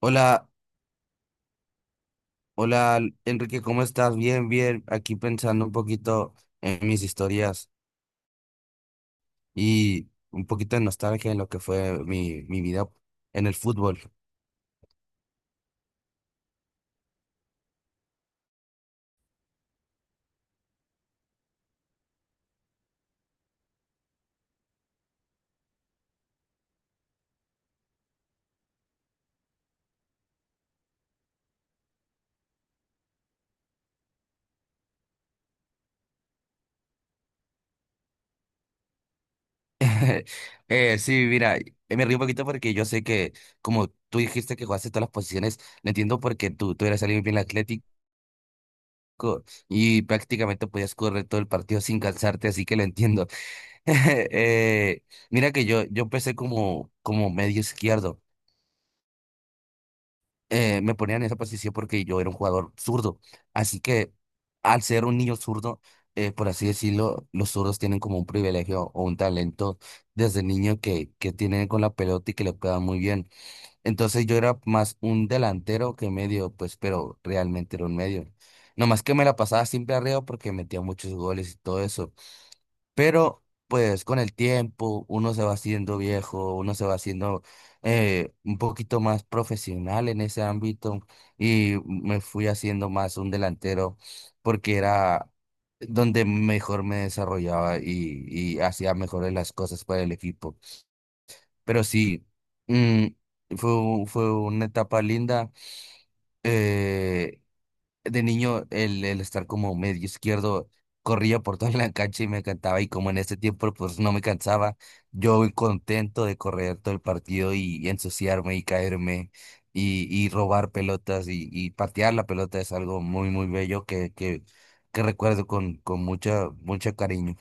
Hola, hola Enrique, ¿cómo estás? Bien, bien. Aquí pensando un poquito en mis historias y un poquito de nostalgia en lo que fue mi vida en el fútbol. Sí, mira, me río un poquito porque yo sé que como tú dijiste que jugaste todas las posiciones, lo entiendo porque tú eras alguien bien atlético y prácticamente podías correr todo el partido sin cansarte, así que lo entiendo. Eh, Mira que yo empecé como medio izquierdo. Me ponían en esa posición porque yo era un jugador zurdo. Así que al ser un niño zurdo, por así decirlo, los zurdos tienen como un privilegio o un talento desde niño que tienen con la pelota y que le pegan muy bien. Entonces yo era más un delantero que medio, pues, pero realmente era un medio. Nomás que me la pasaba siempre arriba porque metía muchos goles y todo eso. Pero pues con el tiempo uno se va haciendo viejo, uno se va haciendo un poquito más profesional en ese ámbito, y me fui haciendo más un delantero porque era donde mejor me desarrollaba y hacía mejores las cosas para el equipo. Pero sí, mm, fue una etapa linda. Eh, de niño el estar como medio izquierdo, corría por toda la cancha y me encantaba, y como en ese tiempo pues no me cansaba, yo muy contento de correr todo el partido y ensuciarme y caerme y robar pelotas y patear la pelota es algo muy muy bello que, que recuerdo con mucho cariño.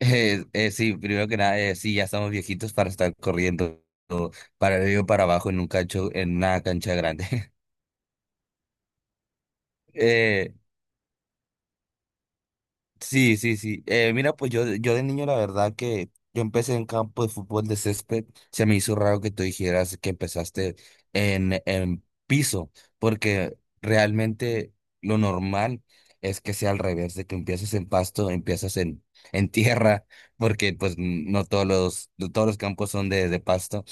Sí, primero que nada, sí, ya estamos viejitos para estar corriendo para arriba y para abajo en en una cancha grande. Eh, Sí, sí, sí. Mira, pues yo de niño, la verdad que yo empecé en campo de fútbol de césped. Se me hizo raro que tú dijeras que empezaste en piso, porque realmente lo normal es que sea al revés, de que empieces en pasto, empiezas en tierra, porque pues no todos los, no todos los campos son de pasto.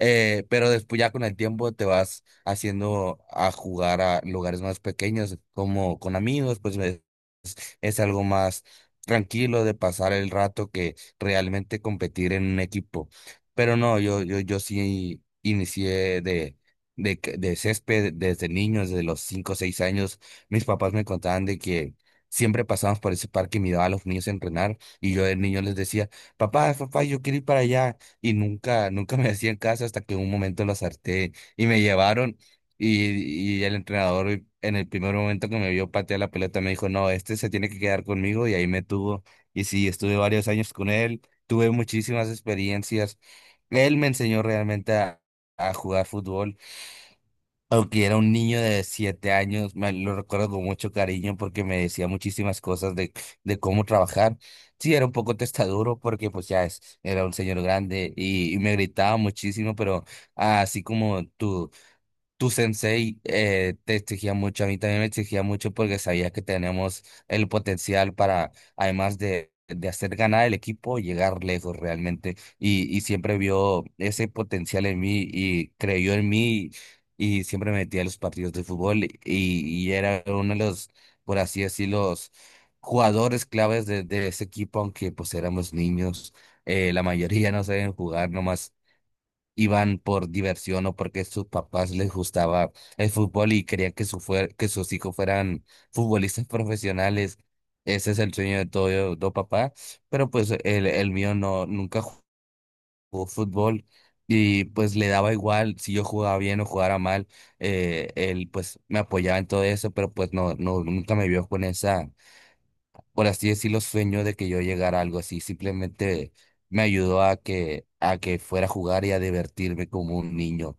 Pero después ya con el tiempo te vas haciendo a jugar a lugares más pequeños, como con amigos, pues es algo más tranquilo de pasar el rato que realmente competir en un equipo. Pero no, yo sí inicié de césped desde niño, desde los 5 o 6 años. Mis papás me contaban de que siempre pasábamos por ese parque y miraba a los niños entrenar y yo de niño les decía, papá, papá, yo quiero ir para allá, y nunca, nunca me hacían caso hasta que un momento lo harté y me llevaron, y el entrenador en el primer momento que me vio patear la pelota me dijo, no, este se tiene que quedar conmigo, y ahí me tuvo y sí, estuve varios años con él, tuve muchísimas experiencias. Él me enseñó realmente a jugar fútbol. Aunque era un niño de 7 años, me lo recuerdo con mucho cariño porque me decía muchísimas cosas de cómo trabajar. Sí, era un poco testaduro porque pues era un señor grande y me gritaba muchísimo, pero así como tú. Tu sensei te exigía mucho, a mí también me exigía mucho porque sabía que tenemos el potencial para, además de hacer ganar el equipo, llegar lejos realmente. Y siempre vio ese potencial en mí y creyó en mí, y siempre me metía a los partidos de fútbol y era uno de los, por así decirlo, los jugadores claves de ese equipo, aunque pues éramos niños, la mayoría no saben jugar, nomás iban por diversión o porque sus papás les gustaba el fútbol y querían que, que sus hijos fueran futbolistas profesionales. Ese es el sueño de todo papá, pero pues el mío no, nunca jugó fútbol, y pues le daba igual si yo jugaba bien o jugara mal, él pues me apoyaba en todo eso, pero pues no, no, nunca me vio con esa, por así decirlo, sueño de que yo llegara a algo así, simplemente me ayudó a que fuera a jugar y a divertirme como un niño.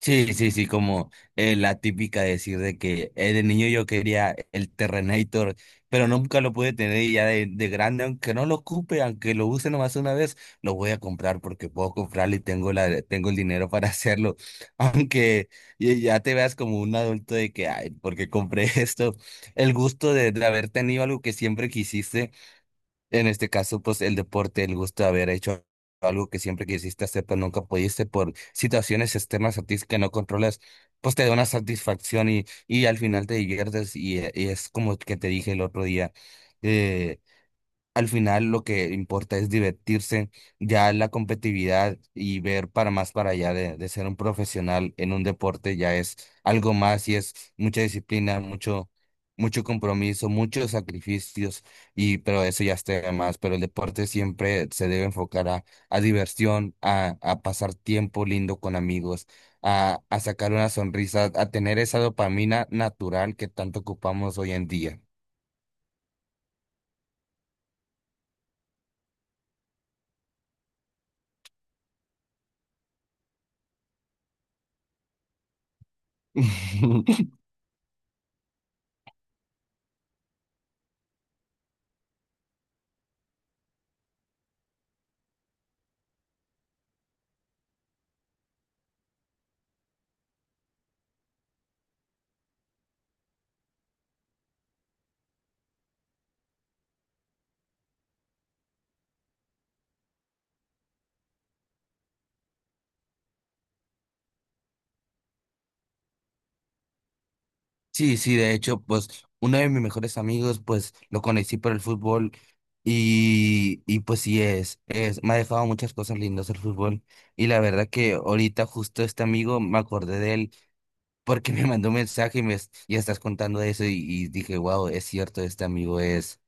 Sí, sí, sí, como la típica decir de que de niño yo quería el Terrenator, pero nunca lo pude tener, y ya de grande, aunque no lo ocupe, aunque lo use nomás una vez, lo voy a comprar porque puedo comprarlo y tengo la, tengo el dinero para hacerlo. Aunque ya ya te veas como un adulto de que, ay, ¿por qué compré esto? El gusto de haber tenido algo que siempre quisiste, en este caso, pues el deporte, el gusto de haber hecho algo que siempre quisiste hacer, pero nunca pudiste por situaciones externas a ti que no controlas, pues te da una satisfacción y al final te diviertes. Y, y es como que te dije el otro día, eh, al final lo que importa es divertirse, ya la competitividad y ver para más para allá de ser un profesional en un deporte, ya es algo más y es mucha disciplina, mucho, mucho compromiso, muchos sacrificios, y pero eso ya está de más, pero el deporte siempre se debe enfocar a diversión, a pasar tiempo lindo con amigos, a sacar una sonrisa, a tener esa dopamina natural que tanto ocupamos hoy en día. Sí, sí, de hecho, pues uno de mis mejores amigos, pues lo conocí por el fútbol, y pues sí es, me ha dejado muchas cosas lindas el fútbol, y la verdad que ahorita justo este amigo me acordé de él porque me mandó un mensaje y estás contando eso, y dije, wow, es cierto, este amigo es.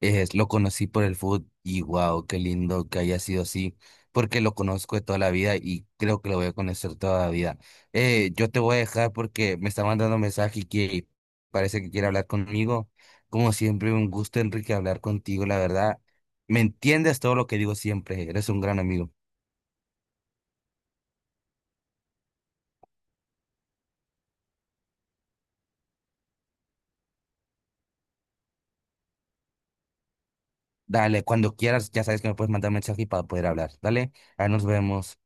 Es, lo conocí por el food y wow, qué lindo que haya sido así, porque lo conozco de toda la vida y creo que lo voy a conocer toda la vida. Yo te voy a dejar porque me está mandando mensaje y que parece que quiere hablar conmigo. Como siempre, un gusto, Enrique, hablar contigo, la verdad. Me entiendes todo lo que digo siempre, eres un gran amigo. Dale, cuando quieras, ya sabes que me puedes mandar mensaje para poder hablar. Dale, ahí nos vemos.